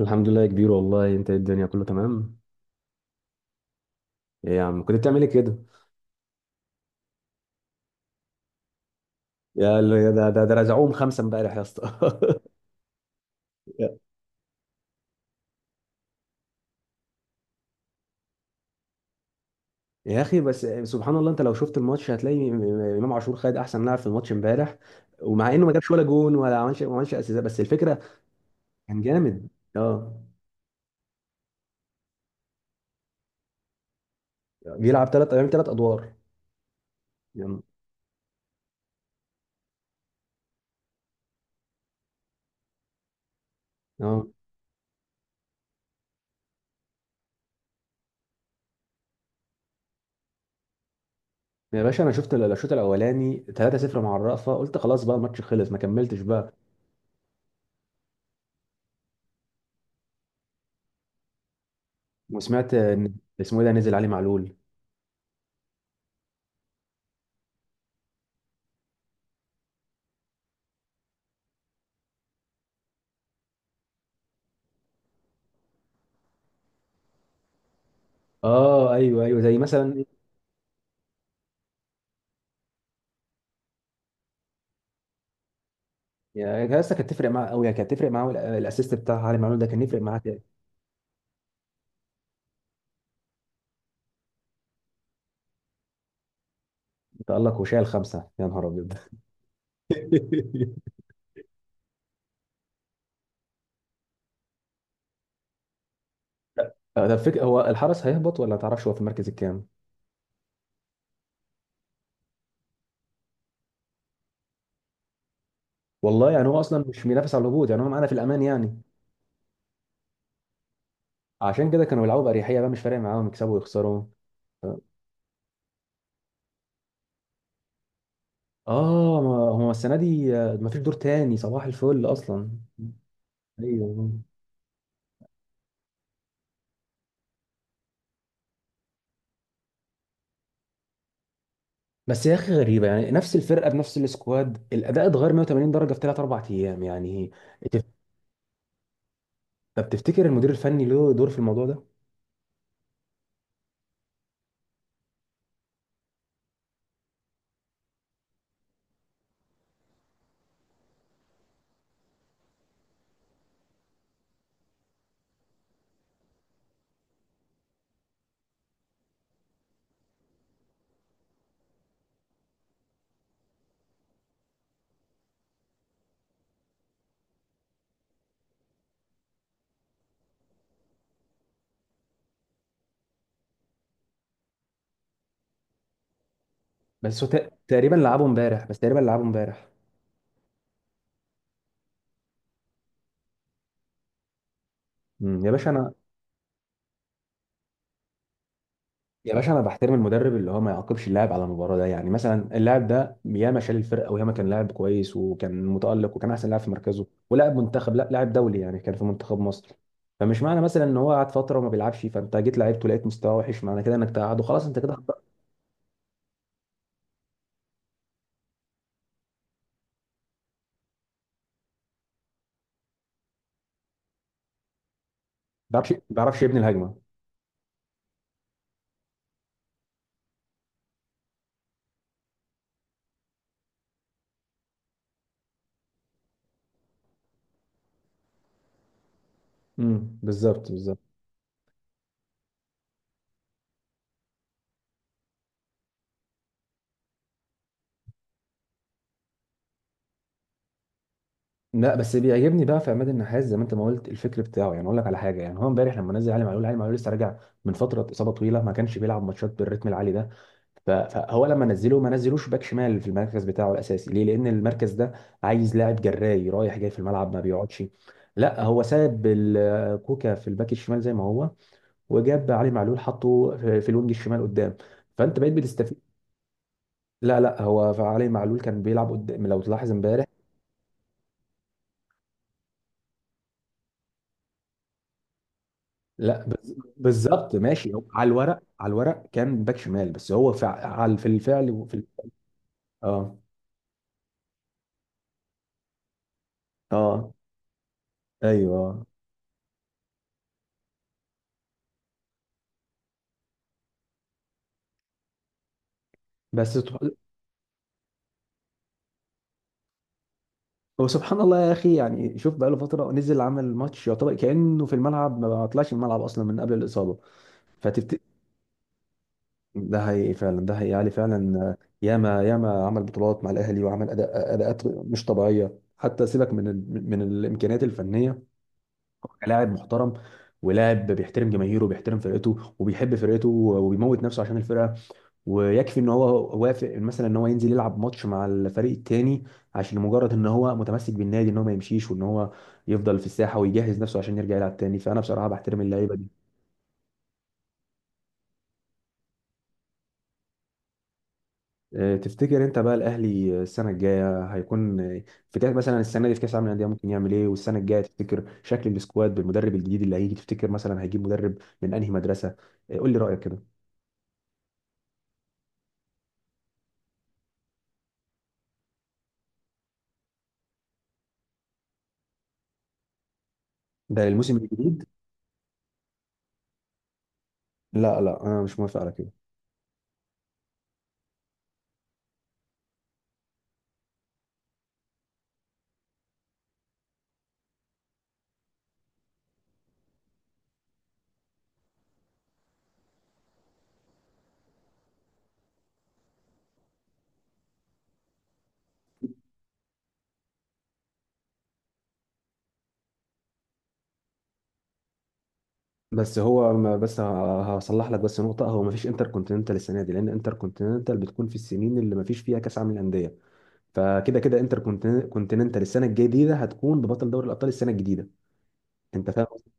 الحمد لله يا كبير، والله انت ايه؟ الدنيا كله تمام. ايه يا عم، كنت بتعمل ايه كده؟ يا ده رزعوهم خمسه امبارح يا اسطى. يا يا اخي، بس سبحان الله، انت لو شفت الماتش هتلاقي امام عاشور خد احسن لاعب في الماتش امبارح. ومع انه ما جابش ولا جون ولا عملش ما عملش اسيست، بس الفكره كان جامد. اه، بيلعب ثلاث ايام ثلاث ادوار. يعني- اه يا باشا، انا شفت الشوط الاولاني 3-0 مع الرأفة، قلت خلاص بقى الماتش خلص، ما كملتش بقى. وسمعت ان اسمه ايه ده نزل علي معلول. اه ايوه ايوه، زي مثلا. يا اسطى كانت تفرق معاه قوي، يعني كانت تفرق معاه، وال- الاسيست بتاع علي معلول ده كان يفرق معاه تألق وشال خمسه يا نهار ابيض. ده الفكره، هو الحرس هيهبط ولا ما تعرفش؟ هو في المركز الكام؟ والله يعني هو اصلا مش بينافس على الهبوط، يعني هو معانا في الامان يعني. عشان كده كانوا بيلعبوا باريحيه بقى، مش فارق معاهم يكسبوا ويخسروا. اه، ما هو السنه دي ما فيش دور تاني، صباح الفل اصلا. ايوه، بس يا اخي غريبه يعني، نفس الفرقه بنفس السكواد، الاداء اتغير 180 درجه في ثلاث اربع ايام يعني. تف- طب تفتكر المدير الفني له دور في الموضوع ده؟ بس هو تقريبا لعبه امبارح، بس تقريبا لعبه امبارح. أمم، يا باشا انا يا باشا انا بحترم المدرب اللي هو ما يعاقبش اللاعب على المباراه ده، يعني مثلا اللاعب ده ياما شال الفرقه، وياما كان لاعب كويس، وكان متالق، وكان احسن لاعب في مركزه، ولاعب منتخب، لا لاعب دولي، يعني كان في منتخب مصر. فمش معنى مثلا ان هو قعد فتره وما بيلعبش، فانت جيت لعبته لقيت مستواه وحش، معنى كده انك تقعده خلاص، انت كده ما ما بيعرفش يبني الهجمه. بالظبط بالظبط. لا بس بيعجبني بقى في عماد النحاس زي ما انت ما قلت، الفكر بتاعه. يعني اقول لك على حاجه، يعني هو امبارح لما نزل علي معلول، لسه راجع من فتره اصابه طويله، ما كانش بيلعب ماتشات بالريتم العالي ده. فهو لما نزله ما نزلوش باك شمال في المركز بتاعه الاساسي ليه؟ لان المركز ده عايز لاعب جراي رايح جاي في الملعب، ما بيقعدش. لا هو ساب كوكا في الباك الشمال زي ما هو، وجاب علي معلول حطه في الوينج الشمال قدام. فانت بقيت بتستفيد. لا لا، هو علي معلول كان بيلعب قدام لو تلاحظ امبارح. لا بالظبط، ماشي هو على الورق، على الورق كان باك شمال، بس هو فع على في الفعل وفي ال... اه اه ايوه. بس سبح- هو سبحان الله يا اخي، يعني شوف بقى، له فتره نزل عمل ماتش، يعتبر كانه في الملعب ما طلعش من الملعب اصلا من قبل الاصابه. فتفت ده حقيقي فعلا، ده حقيقي، علي فعلا ياما ياما عمل بطولات مع الاهلي، وعمل اداءات مش طبيعيه، حتى سيبك من ال... من الامكانيات الفنيه كلاعب محترم، ولاعب بيحترم جماهيره، وبيحترم فرقته، وبيحب فرقته، وبيموت نفسه عشان الفرقه. ويكفي ان هو وافق مثلا ان هو ينزل يلعب ماتش مع الفريق التاني، عشان مجرد ان هو متمسك بالنادي، ان هو ما يمشيش، وان هو يفضل في الساحه ويجهز نفسه عشان يرجع يلعب تاني. فانا بصراحه بحترم اللعيبه دي. تفتكر انت بقى الاهلي السنه الجايه هيكون في كاس مثلا؟ السنه دي في كاس العالم للانديه ممكن يعمل ايه؟ والسنه الجايه تفتكر شكل السكواد بالمدرب الجديد اللي هيجي، تفتكر مثلا هيجيب مدرب من انهي مدرسه؟ قول لي رايك كده. ده الموسم الجديد. لا لا، انا مش موافق على كده. بس هو ما بس هصلح لك بس نقطه. هو ما فيش انتر كونتيننتال السنه دي، لان انتر كونتيننtal بتكون في السنين اللي ما فيش فيها كاس عالم للانديه. فكده كده انتر كونتيننتال السنه الجديده هتكون ببطل دوري الابطال السنه الجديده. انت فاهم قصدي؟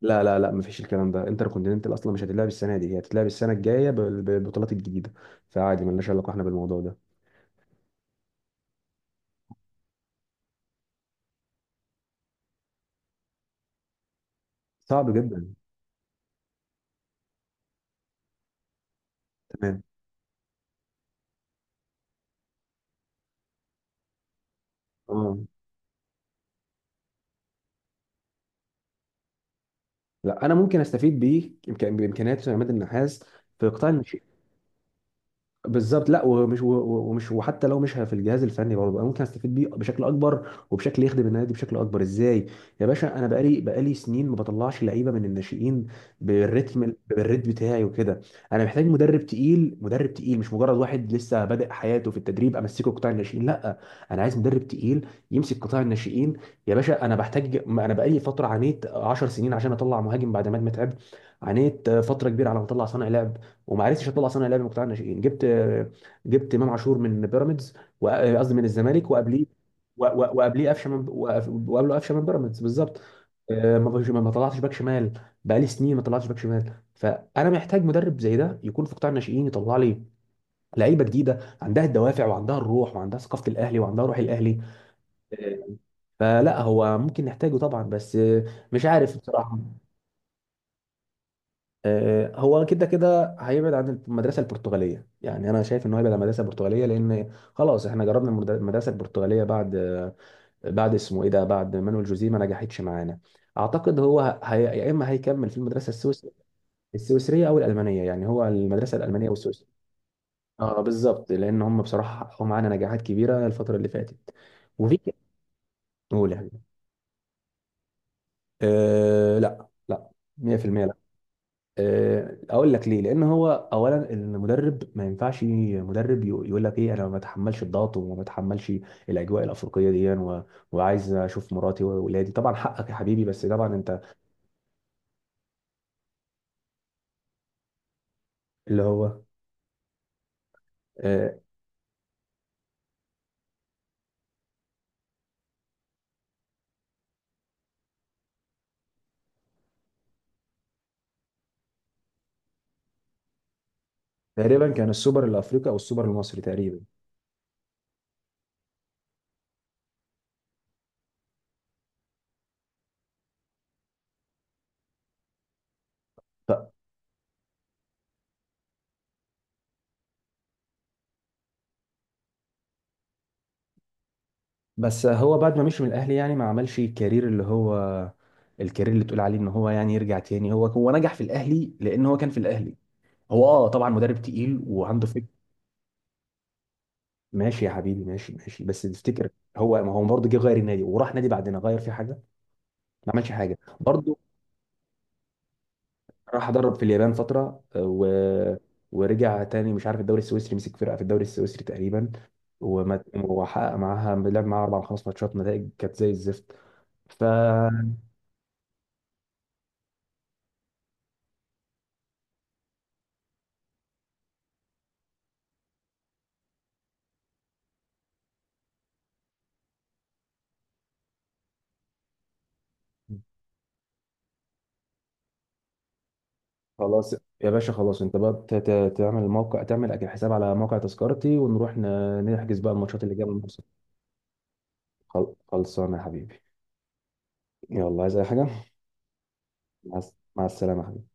لا، ما فيش الكلام ده. انتر كونتيننتال اصلا مش هتتلعب السنه دي، هي هتتلعب السنه الجايه بالبطولات الجديده. فعادي، مالناش علاقه احنا بالموضوع ده. صعب جدا. تمام. اه لا، انا ممكن استفيد بيه بامكانيات عماد النحاس في قطاع. بالظبط، لا، ومش ومش، وحتى لو مش في الجهاز الفني برضه، أنا ممكن استفيد بيه بشكل اكبر وبشكل يخدم النادي بشكل اكبر. ازاي؟ يا باشا انا بقالي سنين ما بطلعش لعيبه من الناشئين بالريتم بتاعي وكده. انا محتاج مدرب تقيل، مش مجرد واحد لسه بادئ حياته في التدريب امسكه قطاع الناشئين، لا. انا عايز مدرب تقيل يمسك قطاع الناشئين. يا باشا انا بحتاج، ما انا بقالي فتره عانيت 10 سنين عشان اطلع مهاجم بعد ما أنا تعبت، عانيت فتره كبيره على ما اطلع صانع لعب، وما عرفتش اطلع صانع لعب من مقتنع الناشئين. جبت امام عاشور من بيراميدز، قصدي من الزمالك، وقبليه وقبليه قفشه من وقبله قفشه من بيراميدز بالظبط. ما طلعتش باك شمال، بقالي سنين ما طلعتش باك شمال. فانا محتاج مدرب زي ده يكون في قطاع الناشئين يطلع لي لعيبه جديده عندها الدوافع، وعندها الروح، وعندها ثقافه الاهلي، وعندها روح الاهلي. آه، فلا، هو ممكن نحتاجه طبعا بس. مش عارف بصراحه. هو كده كده هيبعد عن المدرسه البرتغاليه، يعني انا شايف ان هو هيبعد عن المدرسه البرتغاليه، لان خلاص احنا جربنا المدرسه البرتغاليه بعد بعد اسمه ايه ده، بعد مانويل جوزيه، ما نجحتش معانا. اعتقد هو هي... يا اما هيكمل في المدرسه السويس... السويسريه او الالمانيه، يعني هو المدرسه الالمانيه والسويسريه. اه بالظبط، لان هم بصراحه حققوا معانا نجاحات كبيره الفتره اللي فاتت. وفي قول يعني. آه لا لا، 100%. اقول لك ليه. لان هو اولا المدرب ما ينفعش، مدرب يقول لك ايه، انا ما بتحملش الضغط، وما بتحملش الاجواء الافريقيه دي و... وعايز اشوف مراتي واولادي، طبعا حقك يا حبيبي بس طبعا انت. اللي هو آه، تقريبا كان السوبر الافريقي او السوبر المصري تقريبا. ف... بس هو بعد ما مشي من الاهلي يعني ما عملش الكارير اللي هو اللي تقول عليه ان هو يعني يرجع تاني، هو نجح في الاهلي لان هو كان في الاهلي. هو اه طبعا مدرب تقيل وعنده. ماشي يا حبيبي، ماشي، بس تفتكر هو ما هو برضه جه غير النادي وراح نادي بعدنا غير فيه حاجه؟ ما عملش حاجه برضه. راح ادرب في اليابان فتره و... ورجع تاني مش عارف، الدوري السويسري مسك فرقه في الدوري السويسري تقريبا، وحقق معاها، لعب معاها اربع أو خمس ماتشات، نتائج كانت زي الزفت. ف خلاص. يا باشا خلاص، انت بقى تعمل موقع، تعمل اكيد حساب على موقع تذكرتي، ونروح نحجز بقى الماتشات اللي جايه من مصر. خلصانه يا حبيبي. يلا، عايز اي حاجه؟ مع السلامه يا حبيبي.